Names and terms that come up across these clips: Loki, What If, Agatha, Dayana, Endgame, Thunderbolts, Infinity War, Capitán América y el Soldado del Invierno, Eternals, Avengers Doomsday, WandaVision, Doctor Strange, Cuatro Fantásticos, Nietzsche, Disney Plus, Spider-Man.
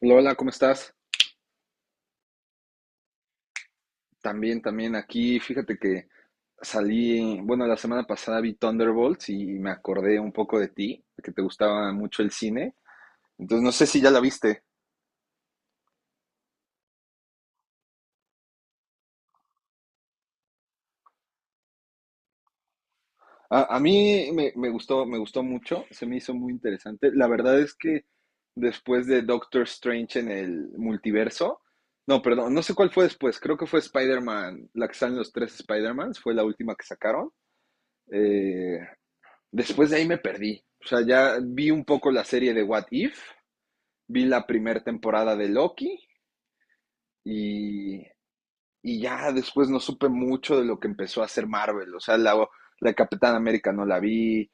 Lola, ¿cómo estás? También aquí, fíjate que salí, bueno, la semana pasada vi Thunderbolts y me acordé un poco de ti, de que te gustaba mucho el cine. Entonces, no sé si ya la viste. A mí me gustó mucho, se me hizo muy interesante. La verdad es que después de Doctor Strange en el multiverso, no, perdón, no sé cuál fue después, creo que fue Spider-Man, la que salen los tres Spider-Mans, fue la última que sacaron. Eh, Después de ahí me perdí. O sea, ya vi un poco la serie de What If, vi la primera temporada de Loki y, y ya después no supe mucho de lo que empezó a hacer Marvel. O sea, la Capitana América no la vi.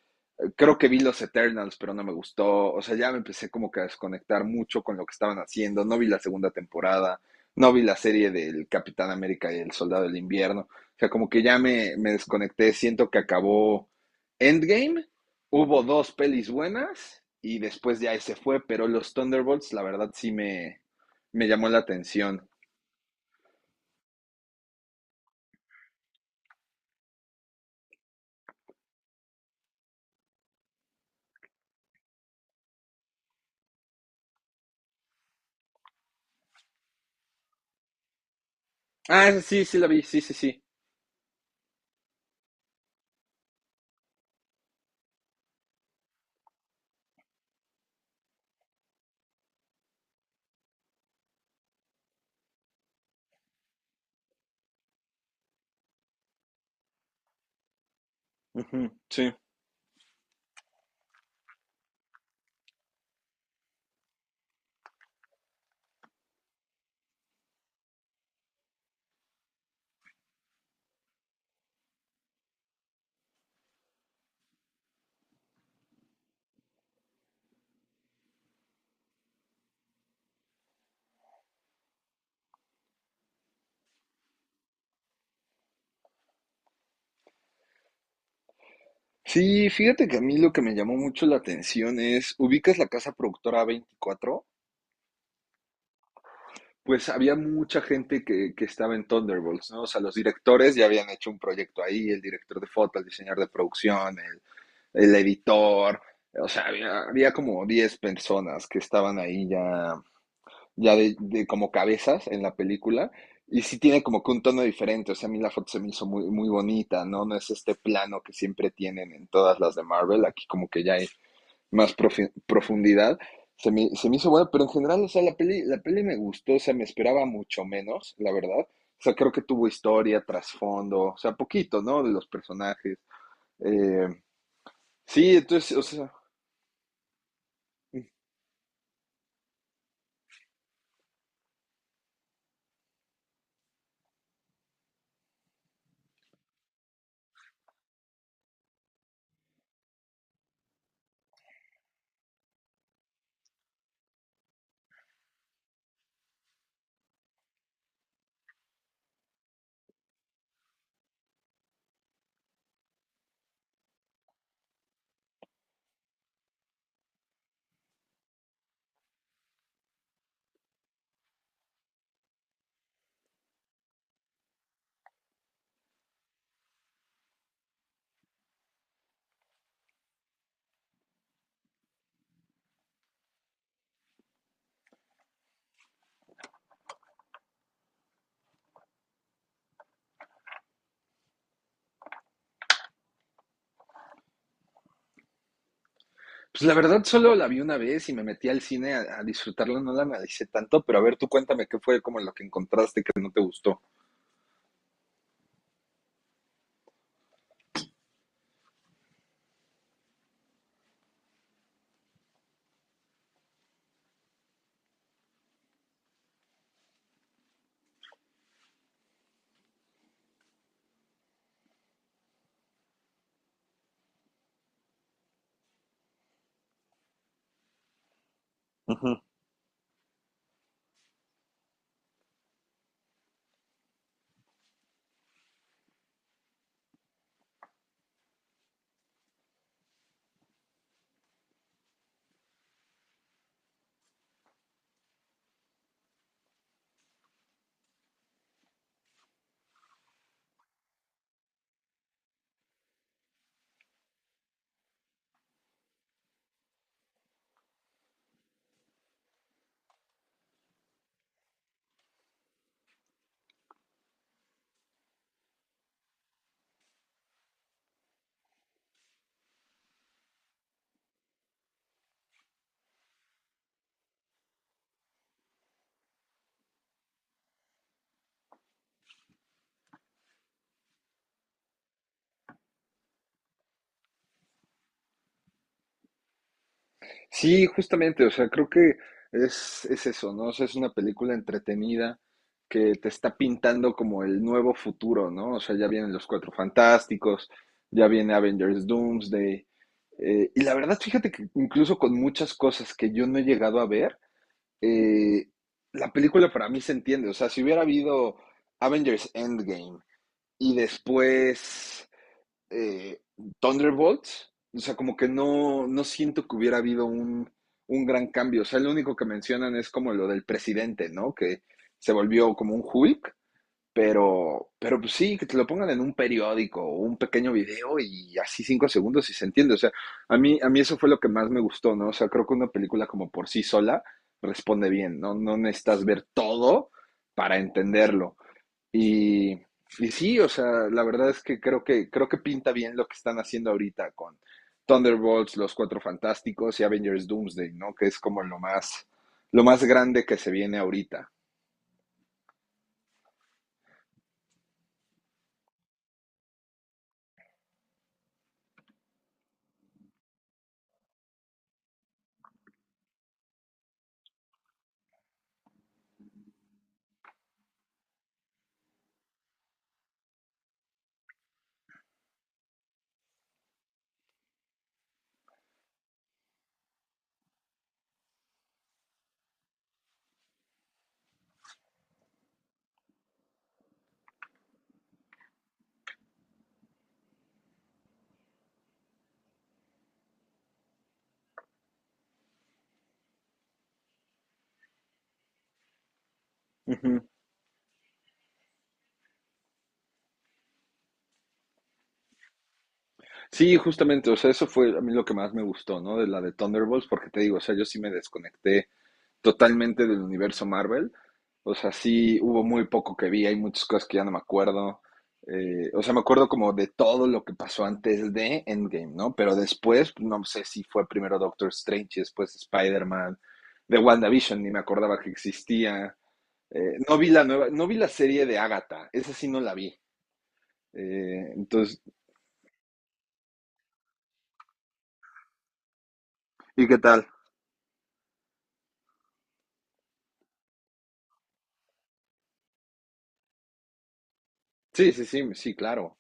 Creo que vi los Eternals, pero no me gustó. O sea, ya me empecé como que a desconectar mucho con lo que estaban haciendo. No vi la segunda temporada, no vi la serie del Capitán América y el Soldado del Invierno. O sea, como que ya me desconecté. Siento que acabó Endgame. Hubo dos pelis buenas y después ya se fue, pero los Thunderbolts, la verdad, sí me llamó la atención. Ah, esa sí, sí la vi, sí, sí, sí. Ujú, sí. Sí, fíjate que a mí lo que me llamó mucho la atención es, ubicas la casa productora veinticuatro, pues había mucha gente que estaba en Thunderbolts, ¿no? O sea, los directores ya habían hecho un proyecto ahí, el director de foto, el diseñador de producción, el editor, o sea, había como 10 personas que estaban ahí ya, de como cabezas en la película. Y sí tiene como que un tono diferente, o sea, a mí la foto se me hizo muy, muy bonita, ¿no? No es este plano que siempre tienen en todas las de Marvel, aquí como que ya más profundidad. Se me hizo buena, pero en general, o sea, la peli me gustó, o sea, me esperaba mucho menos, la verdad. O sea, creo que tuvo historia, trasfondo, o sea, poquito, ¿no? De los personajes. Eh, sí, entonces, o sea, pues la verdad solo la vi una vez y me metí al cine a disfrutarla, no la analicé tanto, pero a ver, tú cuéntame qué fue como lo que encontraste que no te gustó. Ujú. Sí, justamente, o sea, creo que es eso, ¿no? O sea, es una película entretenida que te está pintando como el nuevo futuro, ¿no? O sea, ya vienen los Cuatro Fantásticos, ya viene Avengers Doomsday. Y la verdad, fíjate que incluso con muchas cosas que yo no he llegado a ver, eh, la película para mí se entiende. O sea, si hubiera habido Avengers Endgame y después eh, Thunderbolts, o sea, como que no siento que hubiera habido un gran cambio. O sea, lo único que mencionan es como lo del presidente, ¿no? Que se volvió como un Hulk, pero pues sí, que te lo pongan en un periódico o un pequeño video y así 5 segundos y se entiende. O sea, a mí eso fue lo que más me gustó, ¿no? O sea, creo que una película como por sí sola responde bien, ¿no? No necesitas ver todo para entenderlo. Y sí, o sea, la verdad es que creo que pinta bien lo que están haciendo ahorita con Thunderbolts, Los Cuatro Fantásticos y Avengers Doomsday, ¿no? Que es como lo más grande que se viene ahorita. Ujú. Sí, justamente, o sea, eso fue a mí lo que más me gustó, ¿no? De la de Thunderbolts, porque te digo, o sea, yo sí me desconecté totalmente del universo Marvel. O sea, sí hubo muy poco que vi, hay muchas cosas que ya no me acuerdo. O sea, me acuerdo como de todo lo que pasó antes de Endgame, ¿no? Pero después, no sé si fue primero Doctor Strange y después Spider-Man, de WandaVision, ni me acordaba que existía. No vi la nueva, no vi la serie de Agatha, esa sí no la vi. Entonces, ¿y qué tal? Sí, sí, sí, sí, claro.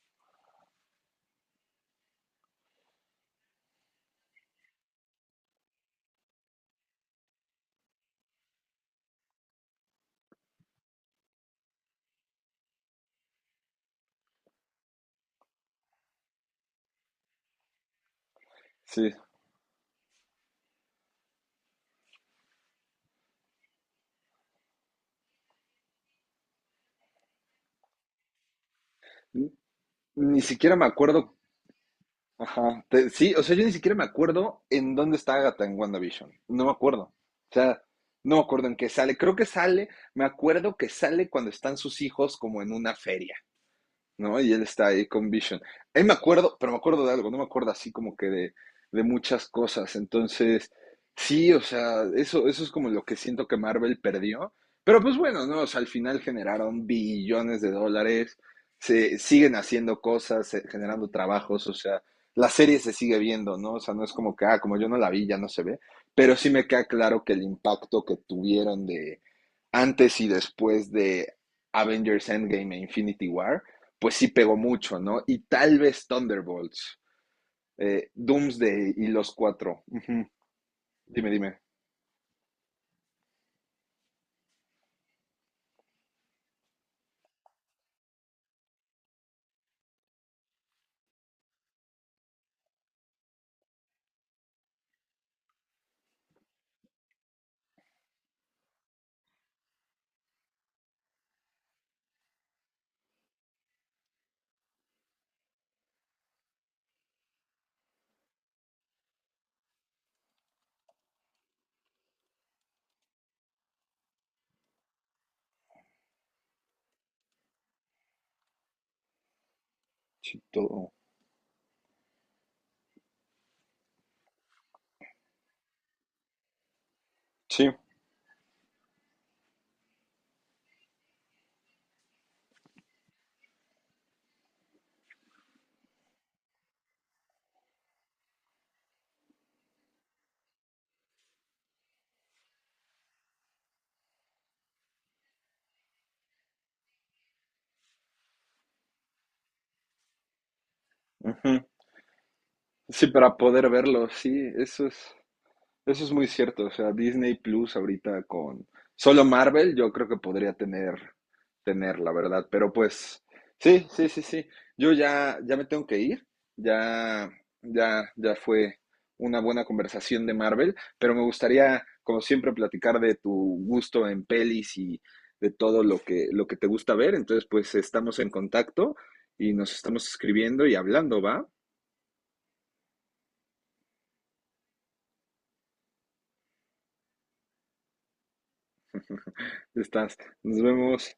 Sí. Ni siquiera me acuerdo. Ajá. Sí, o sea, yo ni siquiera me acuerdo en dónde está Agatha en WandaVision. No me acuerdo. O sea, no me acuerdo en qué sale. Creo que sale, me acuerdo que sale cuando están sus hijos como en una feria. ¿No? Y él está ahí con Vision. Ahí me acuerdo, pero me acuerdo de algo, no me acuerdo así como que de muchas cosas. Entonces, sí, o sea, eso es como lo que siento que Marvel perdió. Pero pues bueno, ¿no? O sea, al final generaron billones de dólares, se siguen haciendo cosas, generando trabajos, o sea, la serie se sigue viendo, ¿no? O sea, no es como que, ah, como yo no la vi, ya no se ve. Pero sí me queda claro que el impacto que tuvieron de antes y después de Avengers Endgame e Infinity War, pues sí pegó mucho, ¿no? Y tal vez Thunderbolts, Doomsday y los cuatro. Uh -huh. Dime, dime. Sí, todo. Sí. Uh -huh. Sí, para poder verlo, sí, eso es. Eso es muy cierto, o sea, Disney Plus ahorita con solo Marvel, yo creo que podría tener, la verdad, pero pues, sí, sí, sí, sí, yo ya me tengo que ir, ya, ya fue una buena conversación de Marvel, pero me gustaría, como siempre, platicar de tu gusto en pelis y de todo lo que te gusta ver, entonces pues estamos en contacto y nos estamos escribiendo y hablando, ¿va? Estás, nos vemos.